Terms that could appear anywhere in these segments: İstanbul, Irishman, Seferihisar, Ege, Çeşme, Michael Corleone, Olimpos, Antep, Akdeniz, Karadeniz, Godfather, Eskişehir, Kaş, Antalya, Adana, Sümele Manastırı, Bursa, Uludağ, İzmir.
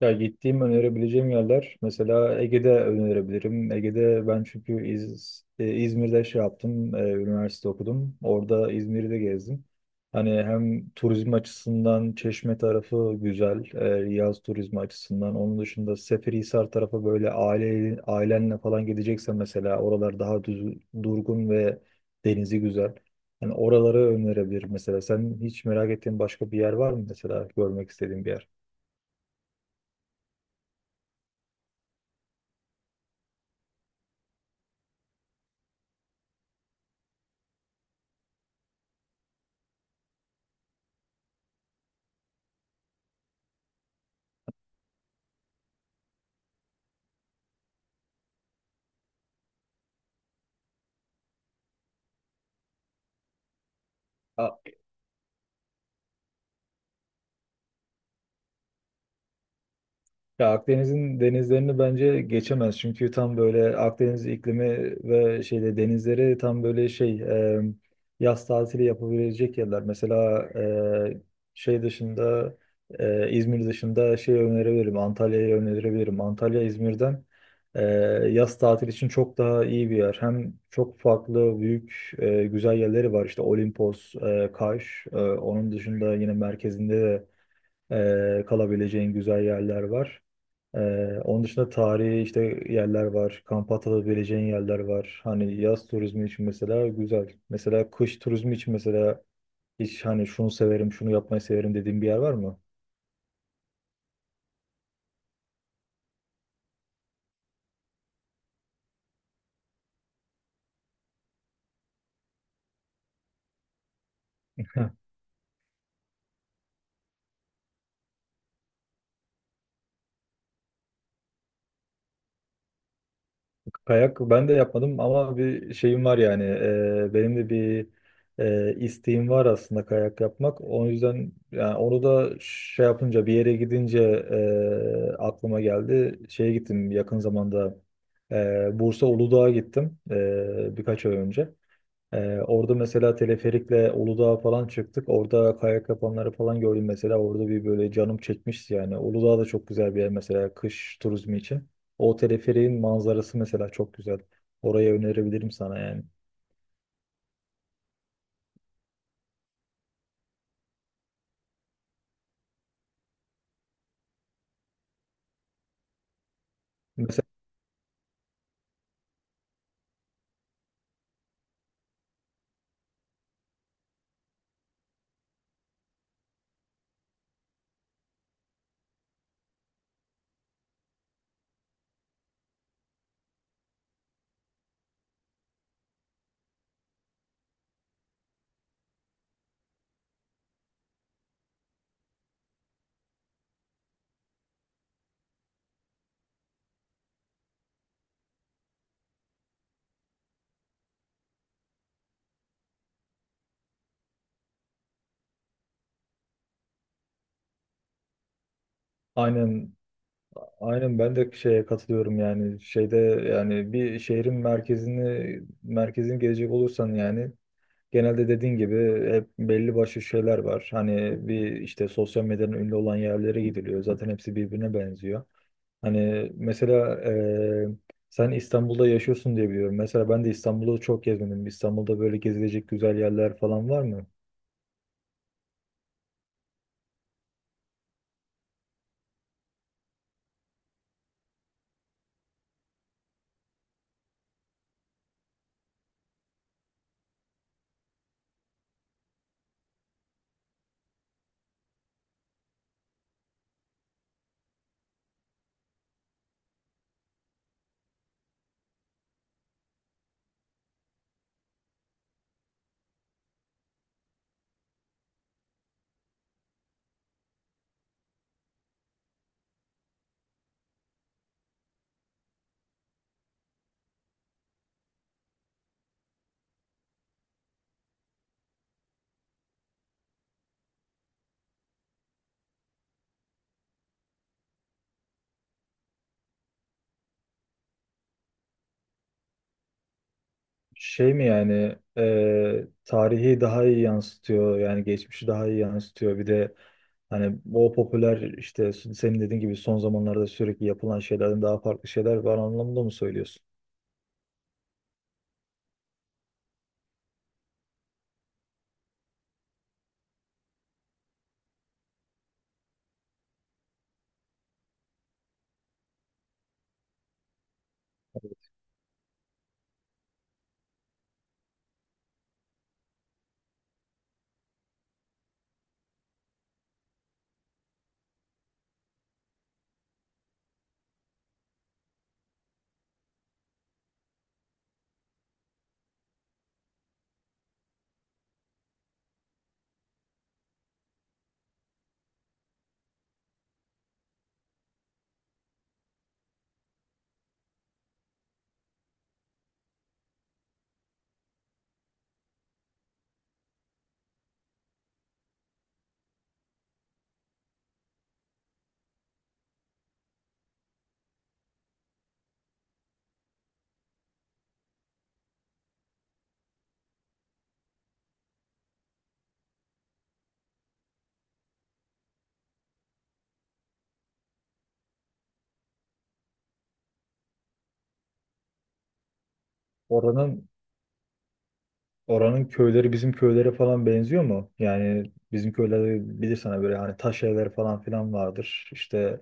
Ya gittiğim önerebileceğim yerler mesela Ege'de önerebilirim. Ege'de ben çünkü İzmir'de şey yaptım, üniversite okudum. Orada İzmir'i de gezdim. Hani hem turizm açısından Çeşme tarafı güzel, yaz turizmi açısından. Onun dışında Seferihisar tarafı böyle ailenle falan gideceksen mesela oralar daha düz, durgun ve denizi güzel. Hani oraları önerebilirim mesela. Sen hiç merak ettiğin başka bir yer var mı, mesela görmek istediğin bir yer? Ya Akdeniz'in denizlerini bence geçemez. Çünkü tam böyle Akdeniz iklimi ve şeyde denizleri tam böyle yaz tatili yapabilecek yerler. Mesela e, şey dışında, İzmir dışında şey önerebilirim. Antalya'yı önerebilirim. Antalya İzmir'den e, yaz tatili için çok daha iyi bir yer. Hem çok farklı büyük güzel yerleri var. İşte Olimpos, Kaş. Onun dışında yine merkezinde de kalabileceğin güzel yerler var. Onun dışında tarihi işte yerler var. Kamp atılabileceğin yerler var. Hani yaz turizmi için mesela güzel. Mesela kış turizmi için mesela hiç hani şunu severim, şunu yapmayı severim dediğim bir yer var mı? Heh. Kayak ben de yapmadım ama bir şeyim var yani. Benim de bir isteğim var aslında kayak yapmak. O yüzden yani onu da şey yapınca bir yere gidince aklıma geldi. Şeye gittim yakın zamanda. Bursa Uludağ'a gittim birkaç ay önce. Orada mesela teleferikle Uludağ'a falan çıktık. Orada kayak yapanları falan gördüm mesela. Orada bir böyle canım çekmişti yani. Uludağ da çok güzel bir yer mesela kış turizmi için. O teleferiğin manzarası mesela çok güzel. Orayı önerebilirim sana yani. Mesela aynen, aynen ben de şeye katılıyorum yani. Şeyde yani bir şehrin merkezini gezecek olursan yani genelde dediğin gibi hep belli başlı şeyler var. Hani bir işte sosyal medyanın ünlü olan yerlere gidiliyor. Zaten hepsi birbirine benziyor. Hani mesela sen İstanbul'da yaşıyorsun diye biliyorum. Mesela ben de İstanbul'u çok gezmedim. İstanbul'da böyle gezilecek güzel yerler falan var mı? Şey mi yani, tarihi daha iyi yansıtıyor. Yani geçmişi daha iyi yansıtıyor. Bir de hani o popüler işte senin dediğin gibi son zamanlarda sürekli yapılan şeylerden daha farklı şeyler var anlamında mı söylüyorsun? Oranın Oranın köyleri bizim köylere falan benziyor mu? Yani bizim köylerde bilirsen hani böyle hani taş evler falan filan vardır. İşte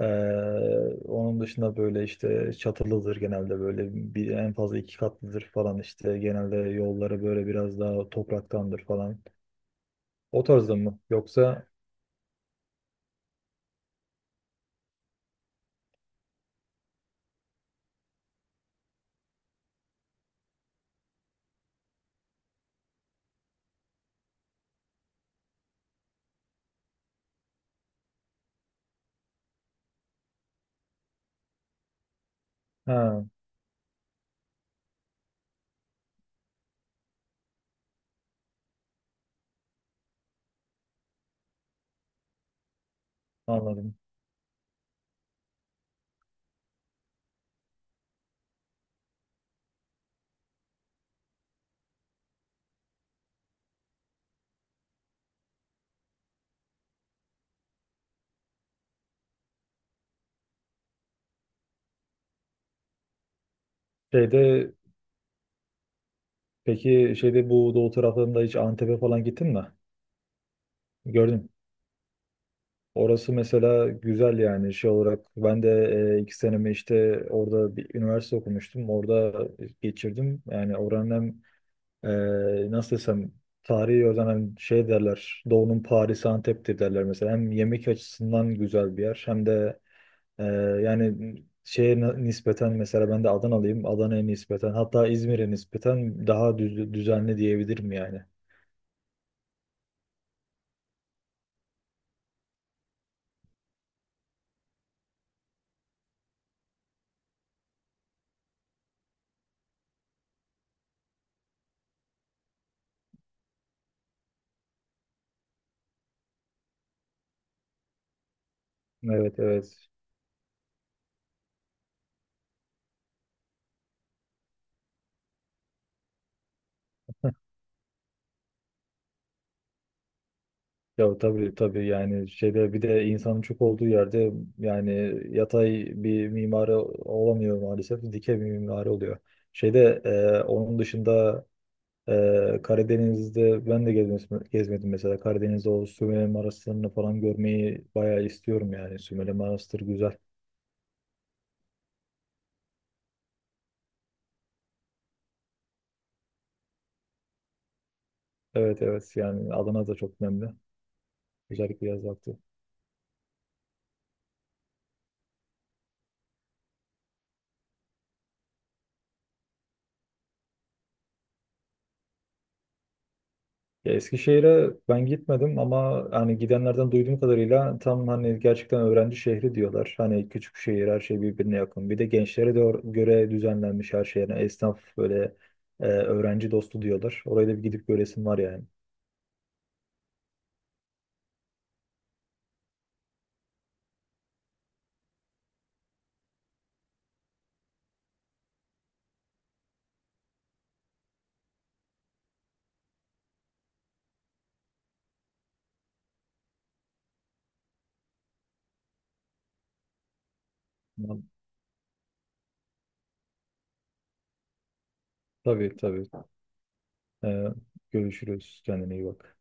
onun dışında böyle işte çatılıdır genelde böyle bir, en fazla iki katlıdır falan işte genelde yolları böyle biraz daha topraktandır falan. O tarzda mı? Yoksa ha, anladım. Şeyde peki şeyde bu doğu taraflarında hiç Antep'e falan gittin mi? Gördün. Orası mesela güzel yani şey olarak ben de iki senemi işte orada bir üniversite okumuştum. Orada geçirdim. Yani oranın hem nasıl desem tarihi oradan, hem şey derler, Doğu'nun Paris'i Antep'tir derler mesela. Hem yemek açısından güzel bir yer hem de e, yani şeye nispeten mesela ben de Adanalıyım. Adana'ya nispeten, hatta İzmir'e nispeten daha düzenli diyebilirim yani. Evet, evet. Ya tabii, tabii yani şeyde bir de insanın çok olduğu yerde yani yatay bir mimari olamıyor maalesef, dikey bir mimari oluyor. Şeyde, onun dışında, Karadeniz'de ben de gezmedim mesela. Karadeniz'de o Sümele Manastırı'nı falan görmeyi bayağı istiyorum yani. Sümele manastır güzel. Evet, evet. Yani Adana da çok önemli özellikle yaz vakti. Ya Eskişehir'e ben gitmedim ama hani gidenlerden duyduğum kadarıyla tam hani gerçekten öğrenci şehri diyorlar. Hani küçük şehir, her şey birbirine yakın. Bir de gençlere de göre düzenlenmiş her şey. Yani esnaf böyle öğrenci dostu diyorlar. Oraya da bir gidip göresim var yani. Tamam. Tabii, tabii. E, Görüşürüz. Kendine iyi bak.